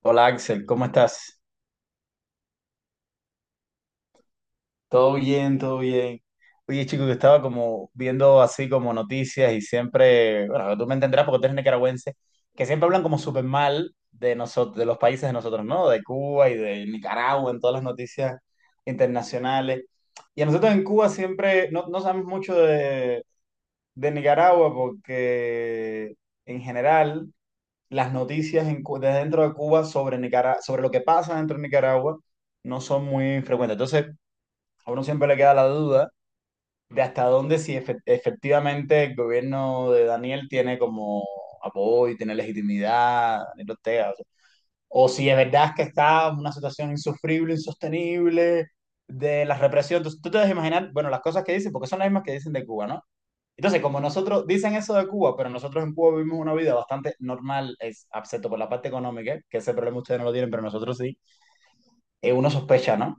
Hola Axel, ¿cómo estás? Todo bien, todo bien. Oye, chico, que estaba como viendo así como noticias y siempre, bueno, tú me entenderás porque tú eres nicaragüense, que siempre hablan como súper mal de nosotros, de los países de nosotros, ¿no? De Cuba y de Nicaragua en todas las noticias internacionales. Y a nosotros en Cuba siempre no sabemos mucho de Nicaragua porque en general las noticias en desde dentro de Cuba sobre sobre lo que pasa dentro de Nicaragua no son muy frecuentes. Entonces, a uno siempre le queda la duda de hasta dónde si efectivamente el gobierno de Daniel tiene como apoyo, tiene legitimidad, Daniel Ortega, o sea, o si es verdad que está en una situación insufrible, insostenible, de la represión. Entonces, tú te debes imaginar, bueno, las cosas que dicen, porque son las mismas que dicen de Cuba, ¿no? Entonces, como nosotros dicen eso de Cuba, pero nosotros en Cuba vivimos una vida bastante normal, es, excepto por la parte económica, que ese problema ustedes no lo tienen, pero nosotros sí, uno sospecha, ¿no?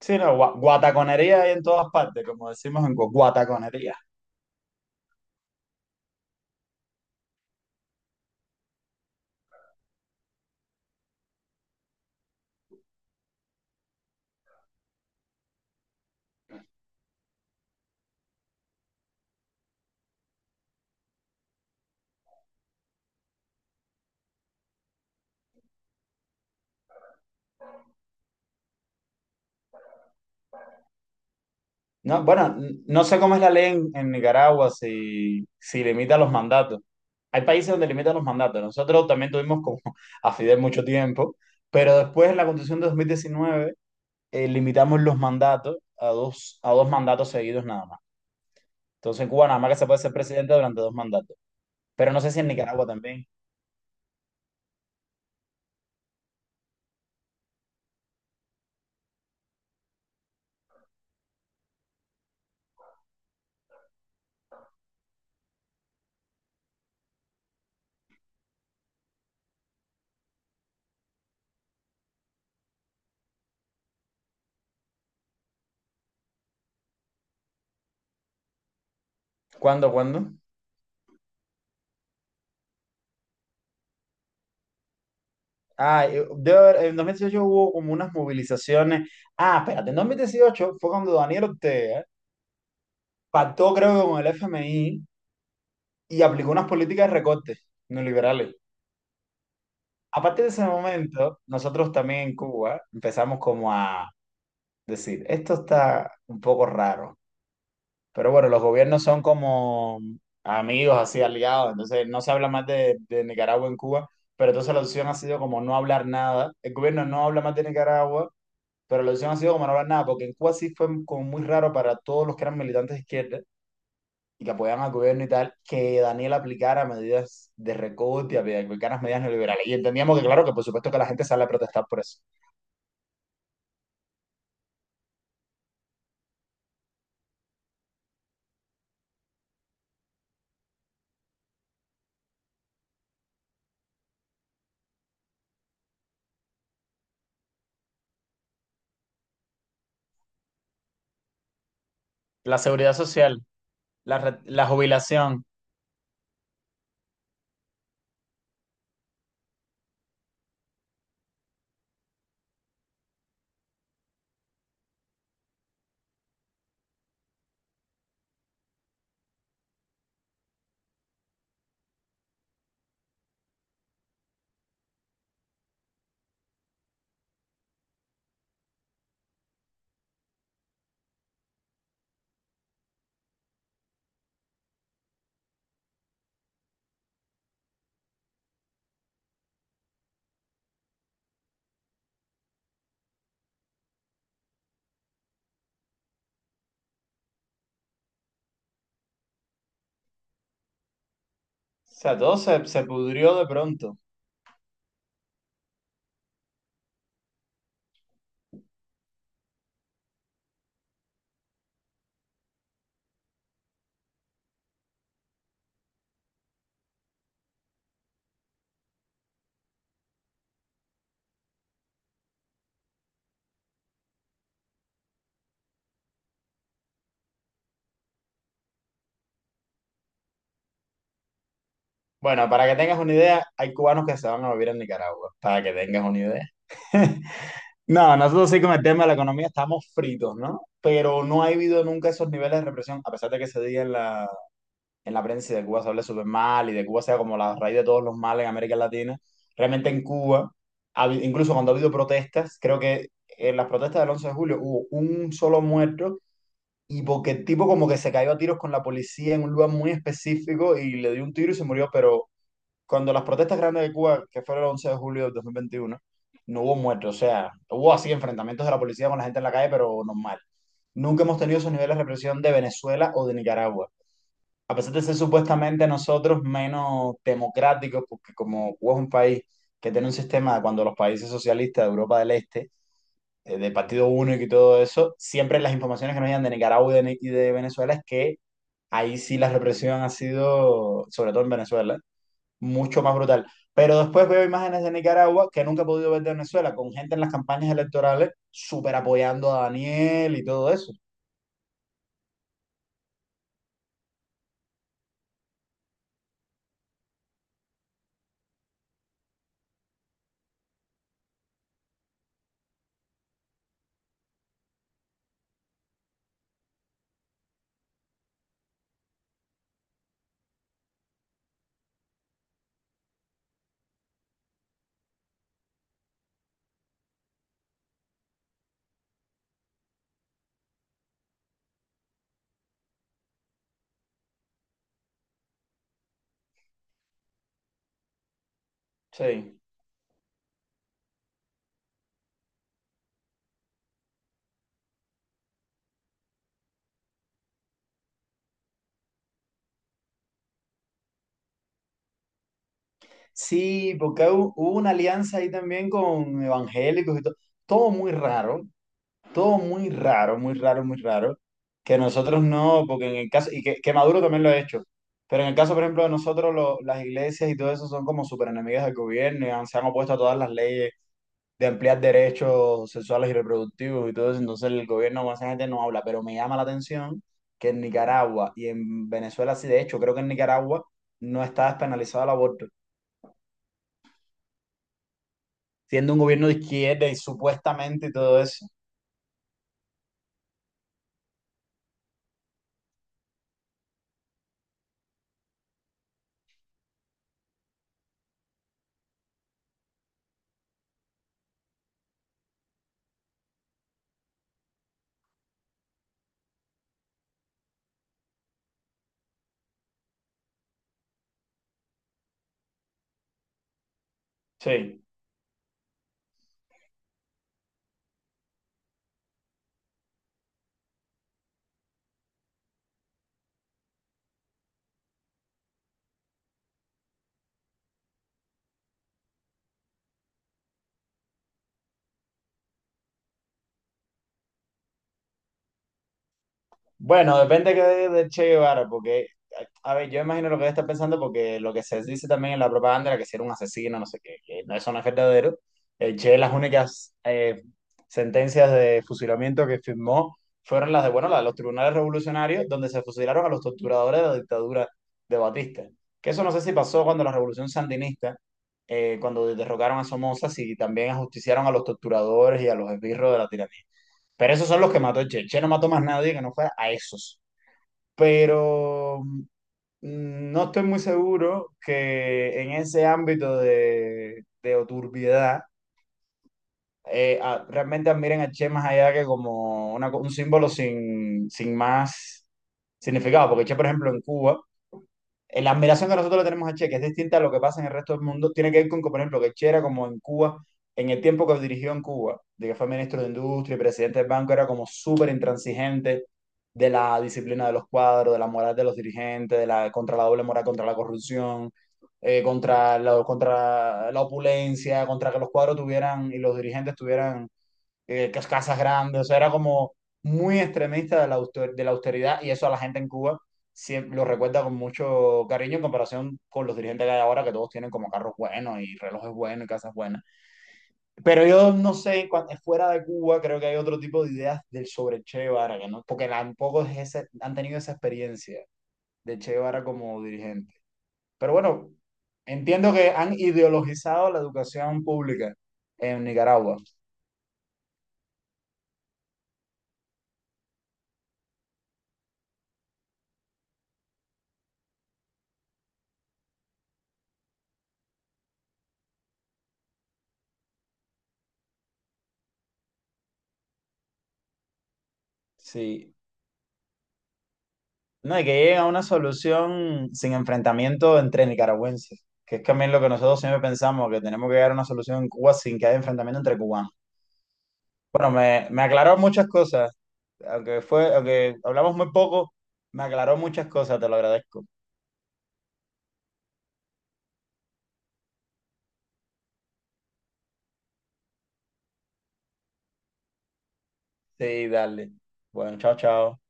Sí, no, guataconería hay en todas partes, como decimos en Cuba, guataconería. No, bueno, no sé cómo es la ley en, Nicaragua, si limita los mandatos. Hay países donde limitan los mandatos. Nosotros también tuvimos como a Fidel mucho tiempo, pero después en la Constitución de 2019 limitamos los mandatos a dos mandatos seguidos nada más. Entonces en Cuba nada más que se puede ser presidente durante dos mandatos. Pero no sé si en Nicaragua también. ¿Cuándo, cuándo? Ah, en 2018 hubo como unas movilizaciones. Ah, espérate, en 2018 fue cuando Daniel Ortega pactó, creo, con el FMI y aplicó unas políticas de recortes neoliberales. A partir de ese momento, nosotros también en Cuba empezamos como a decir, esto está un poco raro. Pero bueno, los gobiernos son como amigos, así aliados, entonces no se habla más de Nicaragua en Cuba, pero entonces la opción ha sido como no hablar nada. El gobierno no habla más de Nicaragua, pero la opción ha sido como no hablar nada, porque en Cuba sí fue como muy raro para todos los que eran militantes de izquierda y que apoyaban al gobierno y tal, que Daniel aplicara medidas de recorte, aplicara medidas neoliberales. Y entendíamos que, claro, que por supuesto que la gente sale a protestar por eso. La seguridad social, la jubilación, o sea, todo se pudrió de pronto. Bueno, para que tengas una idea, hay cubanos que se van a vivir en Nicaragua, para que tengas una idea. No, nosotros sí con el tema de la economía estamos fritos, ¿no? Pero no ha habido nunca esos niveles de represión, a pesar de que se diga en la prensa y de Cuba se hable súper mal y de Cuba sea como la raíz de todos los males en América Latina. Realmente en Cuba, incluso cuando ha habido protestas, creo que en las protestas del 11 de julio hubo un solo muerto y porque el tipo como que se cayó a tiros con la policía en un lugar muy específico y le dio un tiro y se murió, pero cuando las protestas grandes de Cuba, que fueron el 11 de julio del 2021 no hubo muertos, o sea, hubo así enfrentamientos de la policía con la gente en la calle, pero normal. Nunca hemos tenido esos niveles de represión de Venezuela o de Nicaragua. A pesar de ser supuestamente nosotros menos democráticos, porque como Cuba es un país que tiene un sistema, cuando los países socialistas de Europa del Este, de partido único y todo eso, siempre las informaciones que nos llegan de Nicaragua y de, y de Venezuela es que ahí sí la represión ha sido, sobre todo en Venezuela, mucho más brutal. Pero después veo imágenes de Nicaragua que nunca he podido ver de Venezuela, con gente en las campañas electorales súper apoyando a Daniel y todo eso. Sí. Sí, porque hubo una alianza ahí también con evangélicos y todo. Todo muy raro, todo muy raro, muy raro, muy raro. Que nosotros no, porque en el caso, y que, Maduro también lo ha hecho, pero en el caso, por ejemplo, de nosotros, las iglesias y todo eso son como súper enemigas del gobierno y se han opuesto a todas las leyes de ampliar derechos sexuales y reproductivos y todo eso, entonces el gobierno con esa gente no habla, pero me llama la atención que en Nicaragua y en Venezuela, sí, de hecho, creo que en Nicaragua no está despenalizado el aborto, siendo un gobierno de izquierda y supuestamente y todo eso. Sí. Bueno, depende que de Che Guevara, porque, a ver, yo imagino lo que él está pensando, porque lo que se dice también en la propaganda era que si era un asesino, no sé qué, que no, eso no es verdadero. El Che, las únicas sentencias de fusilamiento que firmó fueron las de, bueno, las de los tribunales revolucionarios, donde se fusilaron a los torturadores de la dictadura de Batista. Que eso no sé si pasó cuando la revolución sandinista, cuando derrocaron a Somoza, si también ajusticiaron a los torturadores y a los esbirros de la tiranía. Pero esos son los que mató Che. Che no mató más nadie que no fuera a esos. Pero no estoy muy seguro que en ese ámbito de, turbiedad realmente admiren a Che más allá que como un símbolo sin más significado. Porque Che, por ejemplo, en Cuba la admiración que nosotros le tenemos a Che, que es distinta a lo que pasa en el resto del mundo, tiene que ver con que, por ejemplo, que Che era como en Cuba, en el tiempo que dirigió en Cuba, de que fue ministro de Industria y presidente del banco, era como súper intransigente de la disciplina de los cuadros, de la moral de los dirigentes, de la, contra la doble moral, contra la corrupción, contra la opulencia, contra que los cuadros tuvieran y los dirigentes tuvieran casas grandes, o sea, era como muy extremista de de la austeridad y eso a la gente en Cuba siempre lo recuerda con mucho cariño en comparación con los dirigentes que hay ahora, que todos tienen como carros buenos y relojes buenos y casas buenas. Pero yo no sé, fuera de Cuba creo que hay otro tipo de ideas del sobre Che Guevara, que no, porque tampoco es han tenido esa experiencia de Che Guevara como dirigente. Pero bueno, entiendo que han ideologizado la educación pública en Nicaragua. Sí, no, y que lleguen a una solución sin enfrentamiento entre nicaragüenses, que es también lo que nosotros siempre pensamos, que tenemos que llegar a una solución en Cuba sin que haya enfrentamiento entre cubanos. Bueno, me aclaró muchas cosas, aunque hablamos muy poco, me aclaró muchas cosas, te lo agradezco. Sí, dale. Bueno, chao, chao.